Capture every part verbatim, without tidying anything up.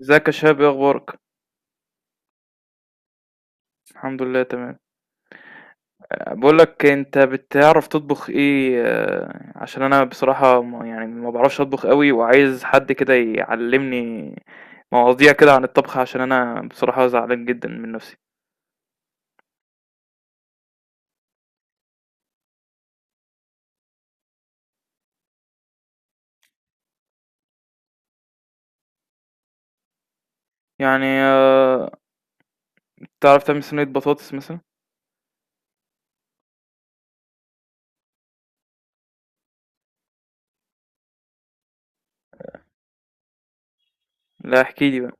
ازيك يا شباب؟ ايه اخبارك؟ الحمد لله، تمام. بقول لك، انت بتعرف تطبخ ايه آه، عشان انا بصراحة ما- يعني ما بعرفش اطبخ قوي، وعايز حد كده يعلمني مواضيع كده عن الطبخ، عشان انا بصراحة زعلان جدا من نفسي. يعني آه، تعرف تعمل صينية بطاطس مثلا؟ لا، احكي لي بقى.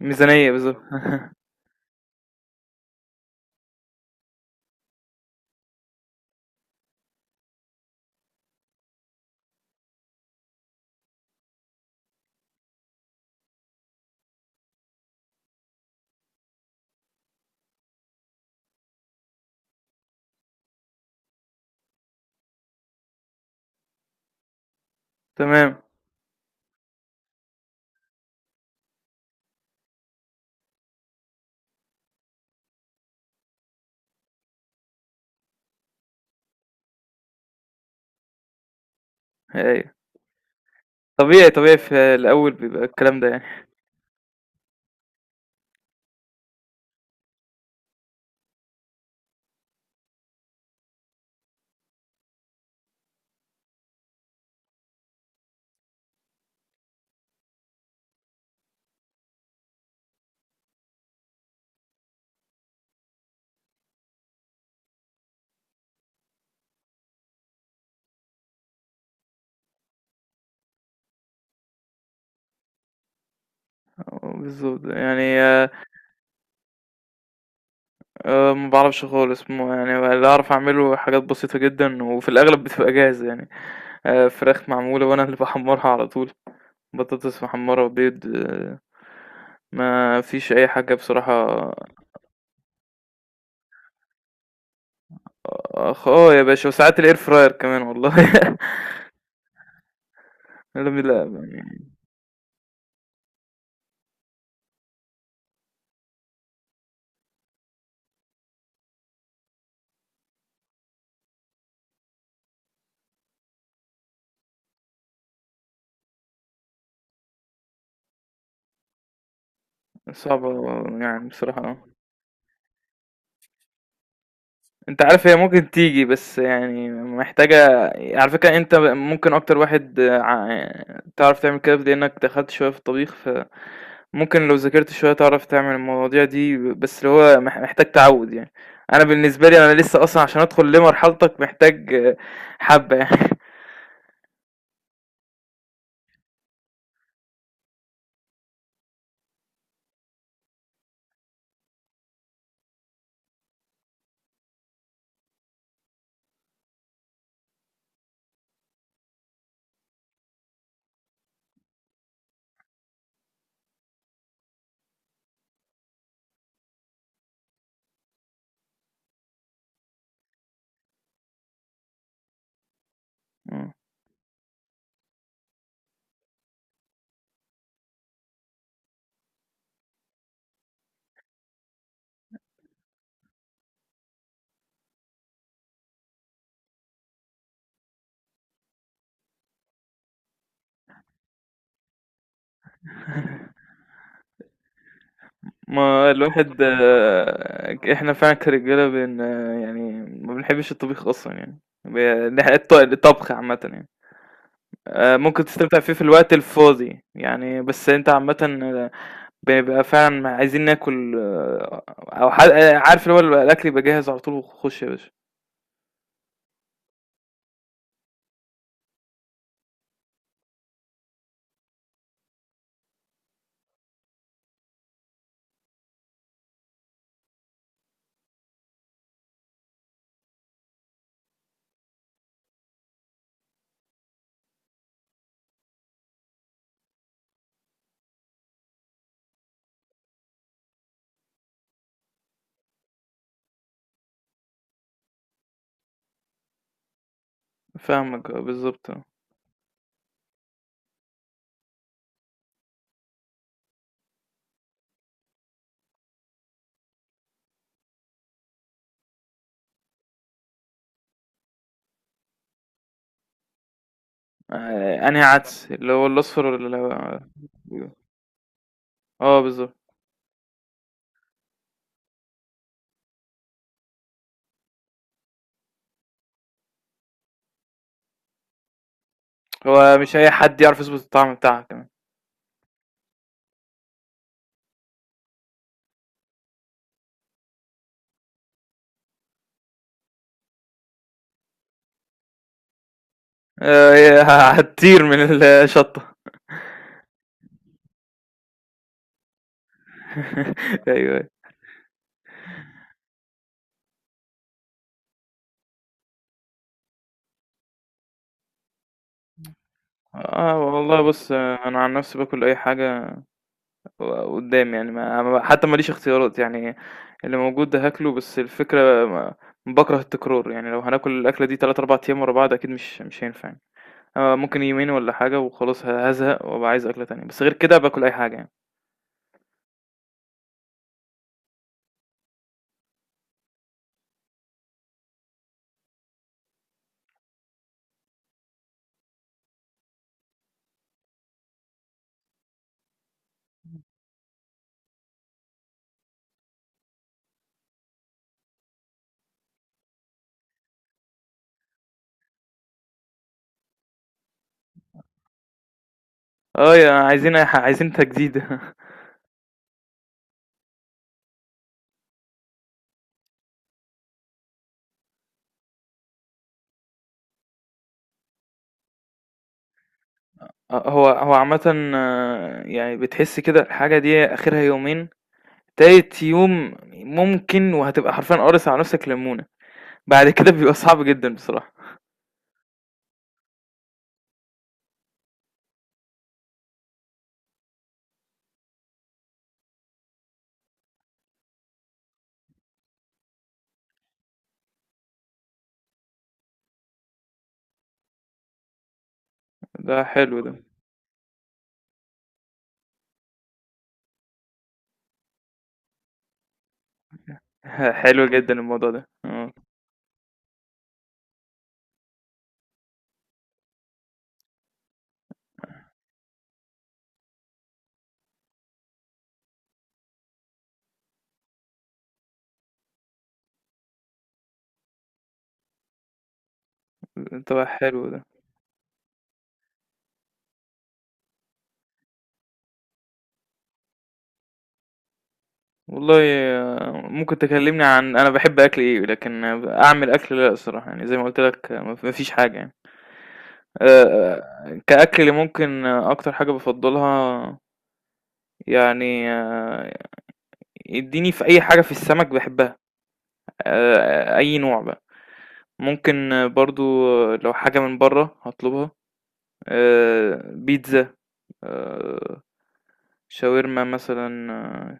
ميزانية بالظبط. تمام. ايوه. طبيعي طبيعي، في الاول بيبقى الكلام ده يعني. بالظبط يعني آه، آه، ما بعرفش خالص. مو- يعني اللي اعرف اعمله حاجات بسيطة جدا، وفي الاغلب بتبقى جاهزة يعني. آه، فراخ معمولة وانا اللي بحمرها على طول. بطاطس محمرة وبيض آه، ما فيش اي حاجة بصراحة. اخ اه يا باشا، وساعات الاير فراير كمان والله. لا، لا. يعني صعبة، يعني بصراحة. انت عارف، هي ممكن تيجي بس يعني محتاجة. على فكرة انت ممكن اكتر واحد، آه، ع- تعرف تعمل كده، لانك دخلت شوية في الطبيخ. ممكن لو ذاكرت شوية تعرف تعمل المواضيع دي، بس اللي هو مح محتاج تعوّد يعني. أنا بالنسبة لي، أنا لسه أصلًا عشان أدخل لمرحلتك محتاج آه، حبّة يعني. إمم. ما الواحد آه، إحنا فعلًا كرجالة بن آه، يعني ما بنحبّش الطبيخ أصلًا يعني. ب نح الط الطبخ عامةً يعني. آآ ممكن تستمتع فيه في الوقت الفاضي، يعني بس أنت عامةً آه، بيبقى فعلًا عايزين ناكل آه، أو ح آه، عارف اللي هو الأكل يبقى جاهز على طول وخُش يا باشا. فاهمك آه، بالضبط آه. آآ أنهي عدس؟ اللي هو الأصفر والّا اللي هو. آه، بالضبط. هو مش أي حد يعرف يضبط الطعم بتاعها كمان. آآ هي ه هتطير من الشطة. أيوه، أيوه. آه والله بُص، آه، أنا عن نفسي باكل أي حاجة ق قدّامي يعني. ما ما حتى ما ليش اختيارات، يعني اللي موجود ده هاكله، بس الفكرة ما باكره التكرار، يعني لو هناكل الأكلة دي ثلاثة، أربعة أيام ورا بعض أكيد مش مش هينفع يعني. آه، ممكن يومين والّا حاجة وخلاص ه هازهق وأبقى عايز أكلة تانية، بس غير كده باكل أي حاجة يعني. آه، يا عايزين، ح عايزين تجديد. آه، هو هو عامةً آه، يعني بتحس كده الحاجة دي آخرها يومين، تالت يوم ممكن وهتبقى حرفيًا قارص على نفْسك ليمونة، بعد كده بيبقى صعب جدًا بصراحة. ده حلو ده. ح حلو جدًا الموضوع ده، آه، طَب حلو ده. والله آه، ممكن تكلمني عن أنا باحب أكل إيه، لكن آه، أعمل أكل لأ الصراحة، يعني زي ما قُلت لك ما ما فيش حاجة يعني. آآ كأكل اللي ممكن آه، أكتر حاجة بافضّلها يعني آه، اديني في أي حاجة، في السمك باحبها. آآ، أي نوع بقى، ممكن برضه لو حاجة من برّه هاطلبها. آآ، بيتزا. آآ، شاورما مثلًا.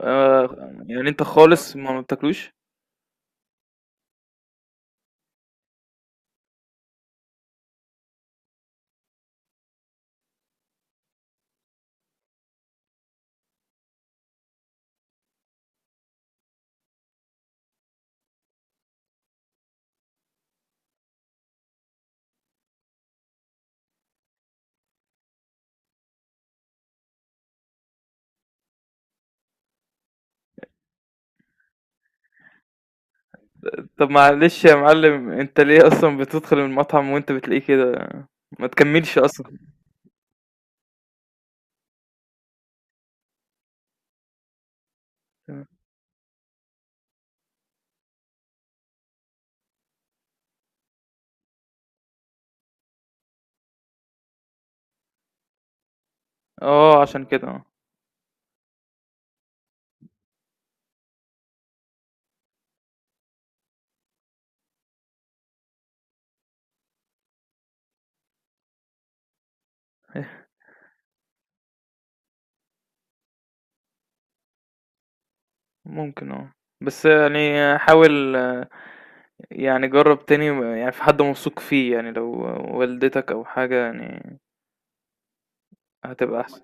آآ، يعني أنت خالص ما بتاكلوش؟ طب معلش يا معلم، أنت ليه أصلًا بتدخل المطعم وأنت بتلاقيه كده؟ ما تكمّلش أصلًا. آه، عشان كده آه، ممكن آه، بس يعني حاول آه، يعني جرّب تاني. يعني في حد موثوق فيه يعني، لو والدتك أو حاجة يعني، هتبقى احسن.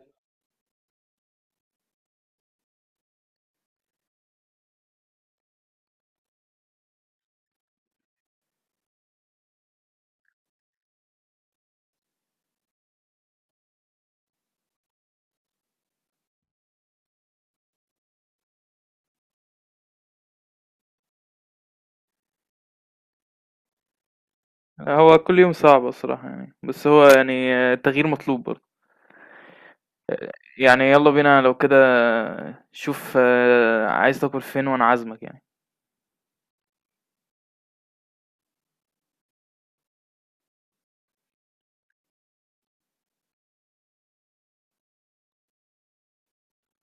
هو كل يوم صعب الصراحة يعني، بس هو يعني التغيير مطلوب برضه. يعني يلا بينا لو كده، شوف آه، عايز تاكل فين وانا عازمك يعني.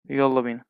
يلا بينا.